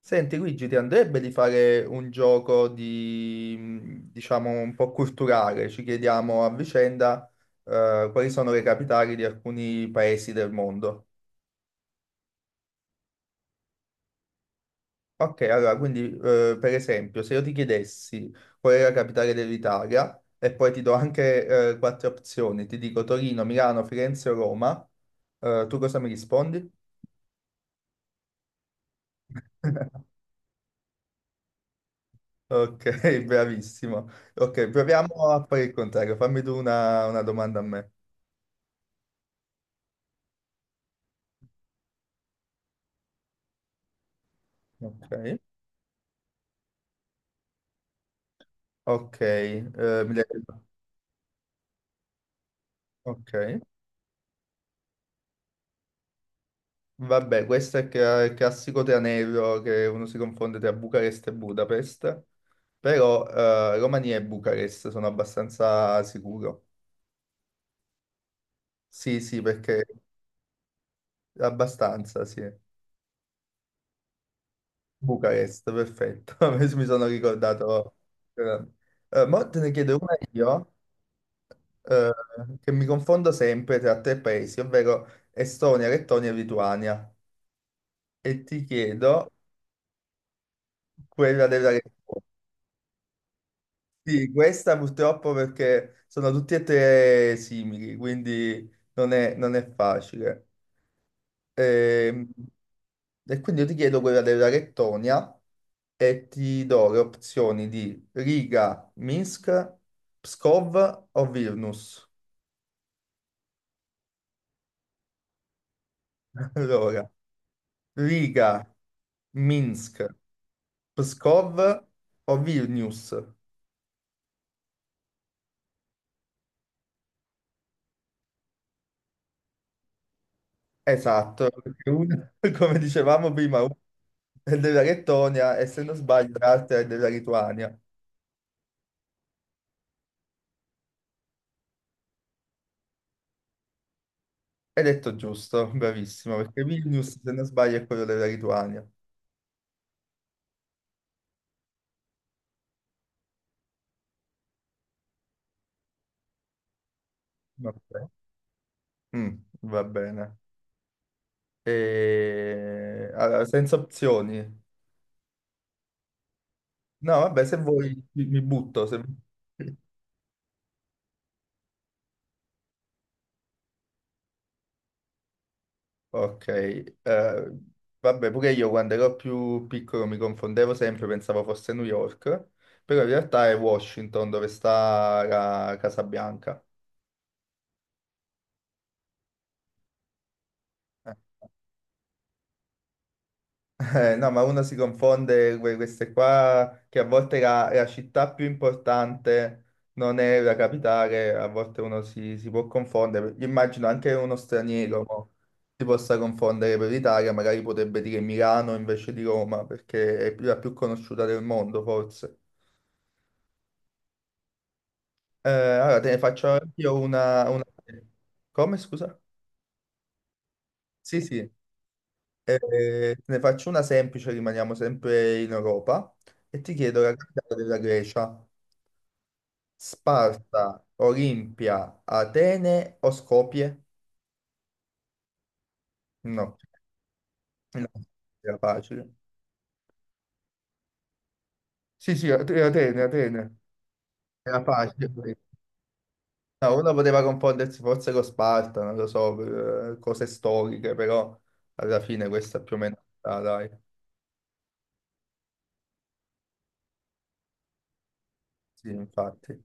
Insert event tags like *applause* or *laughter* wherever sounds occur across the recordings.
Senti Luigi, ti andrebbe di fare un gioco di, diciamo, un po' culturale? Ci chiediamo a vicenda, quali sono le capitali di alcuni paesi del mondo. Ok, allora, quindi, per esempio, se io ti chiedessi qual è la capitale dell'Italia, e poi ti do anche, quattro opzioni, ti dico Torino, Milano, Firenze o Roma, tu cosa mi rispondi? *laughs* Ok, bravissimo. Ok, proviamo a fare il contrario. Fammi tu una domanda a me. Ok. Ok, ok. Vabbè, questo è il classico tranello che uno si confonde tra Bucarest e Budapest, però Romania e Bucarest sono abbastanza sicuro. Sì, sì, perché abbastanza, sì. Bucarest, perfetto. *laughs* Mi sono ricordato. Eh, mo te ne chiedo una io, eh, che mi confondo sempre tra tre paesi, ovvero Estonia, Lettonia e Lituania. E ti chiedo quella della Lettonia. Sì, questa purtroppo perché sono tutti e tre simili, quindi non è facile. Ehm, E, quindi io ti chiedo quella della Lettonia e ti do le opzioni di Riga, Minsk, Pskov o Vilnius. *laughs* Allora, Riga, Minsk, Pskov o Vilnius. Esatto, perché *laughs* come dicevamo prima, una è della Lettonia e se non sbaglio l'altra è della Lituania. Hai detto giusto, bravissimo, perché Vilnius, se non sbaglio, è quello della Lituania. Ok. Mm, va bene. E... Allora, senza opzioni. No, vabbè, se vuoi mi butto. Ok. Vabbè, pure io quando ero più piccolo mi confondevo sempre, pensavo fosse New York, però in realtà è Washington dove sta la Casa Bianca. Eh. No, ma uno si confonde queste qua, che a volte la città più importante non è la capitale, a volte si può confondere. Io immagino anche uno straniero mo, si possa confondere per l'Italia, magari potrebbe dire Milano invece di Roma, perché è la più conosciuta del mondo, forse. Allora, te ne faccio io una... Come, scusa? Sì, sì. Eh, te ne faccio una semplice, rimaniamo sempre in Europa, e ti chiedo la capitale della Grecia. Sparta, Olimpia, Atene o Skopje? No, no, era facile. Sì, sì, Atene, Atene. Era facile questa. No, uno poteva confondersi forse con Sparta, non lo so, per, cose storiche, però alla fine questa più o meno, ah, dai. Sì, infatti.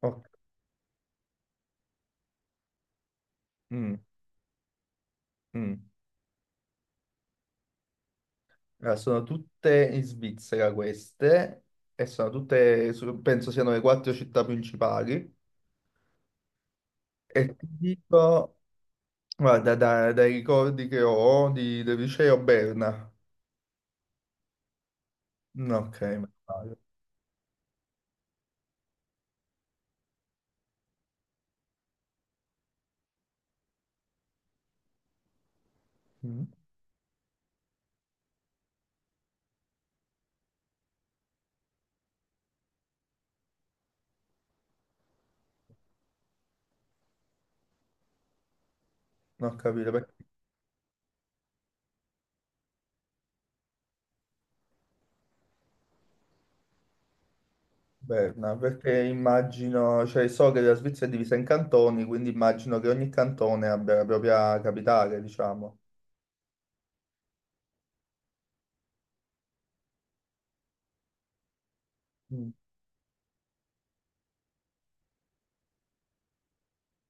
Ok. Mm, mm. Allora, sono tutte in Svizzera queste, e sono tutte, penso siano le quattro città principali. E ti dico... Guarda, dai ricordi che ho del liceo Berna. No, ok, ma sbaglio. Mm, non ho capito perché Berna, perché immagino, cioè so che la Svizzera è divisa in cantoni, quindi immagino che ogni cantone abbia la propria capitale, diciamo. Mm,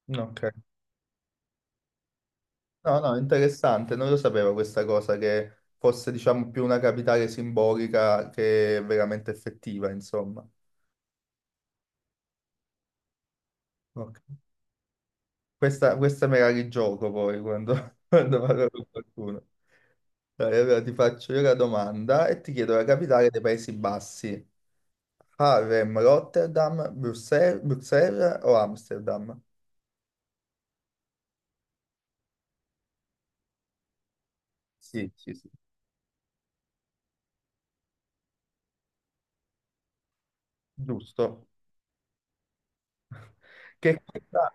ok. No, no, interessante, non lo sapevo questa cosa, che fosse, diciamo, più una capitale simbolica che veramente effettiva, insomma. Ok. Questa me la rigioco poi quando, *laughs* quando parlo con qualcuno. Dai, allora ti faccio io la domanda e ti chiedo la capitale dei Paesi Bassi. Harlem, Rotterdam, Bruxelles o Amsterdam? Sì, sì, sì. Giusto. Che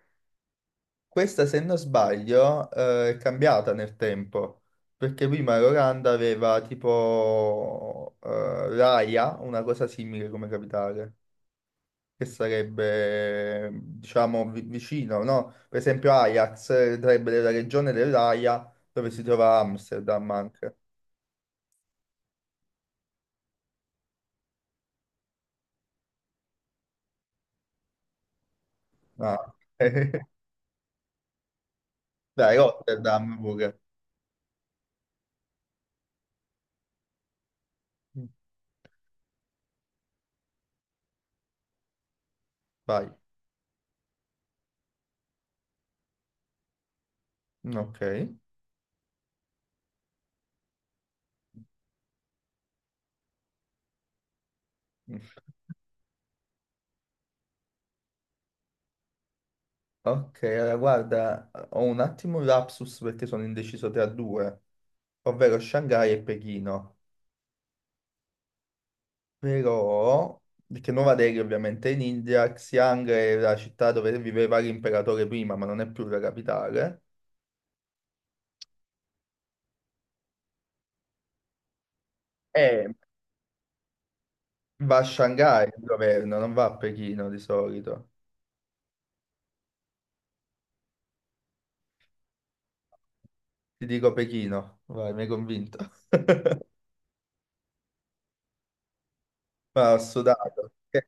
questa, se non sbaglio, è cambiata nel tempo, perché prima l'Olanda aveva tipo l'Aia, una cosa simile come capitale. Che sarebbe, diciamo, vicino, no? Per esempio Ajax sarebbe della regione dell'Aia dove si trova Amsterdam anche. Ah. *laughs* Dai, Rotterdam pure. Vai. Ok. Ok, allora guarda, ho un attimo un lapsus perché sono indeciso tra due, ovvero Shanghai e Pechino. Però, perché Nuova Delhi ovviamente è in India, Xi'an è la città dove viveva l'imperatore prima, ma non è più la capitale. Eh, Va a Shanghai il governo, non va a Pechino di solito. Ti dico Pechino, vai, mi hai convinto. *laughs* Ma ho sudato.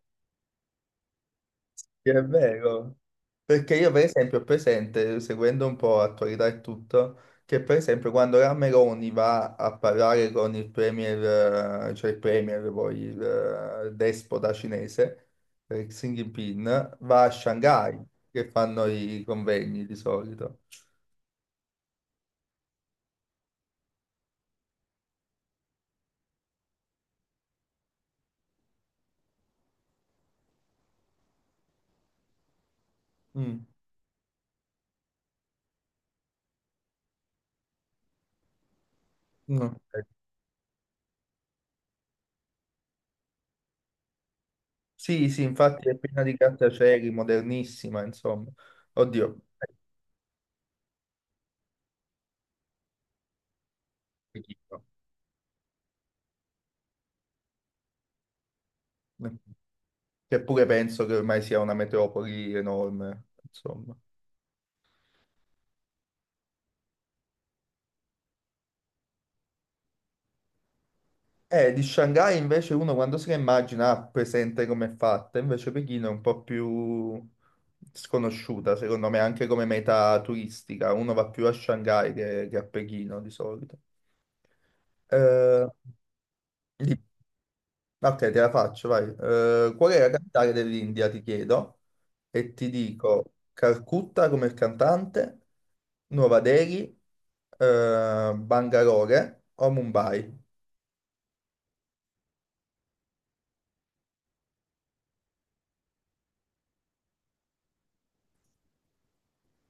Sì, è vero. Perché io, per esempio, ho presente, seguendo un po' l'attualità e tutto, che per esempio quando la Meloni va a parlare con il premier, cioè il premier, poi il despota cinese, Xi Jinping, va a Shanghai, che fanno i convegni di solito. Mm, no. Sì, sì, infatti è piena di grattacieli, modernissima, insomma. Oddio, che pure penso che ormai sia una metropoli enorme, insomma. Di Shanghai invece uno quando se la immagina ha presente come è fatta, invece Pechino è un po' più sconosciuta, secondo me, anche come meta turistica. Uno va più a Shanghai che a Pechino di solito. Eh, di- Ok, te la faccio, vai. Qual è la capitale dell'India, ti chiedo, e ti dico Calcutta come il cantante, Nuova Delhi, Bangalore o Mumbai.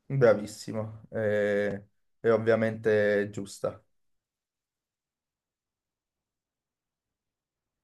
Bravissimo, eh, è ovviamente giusta.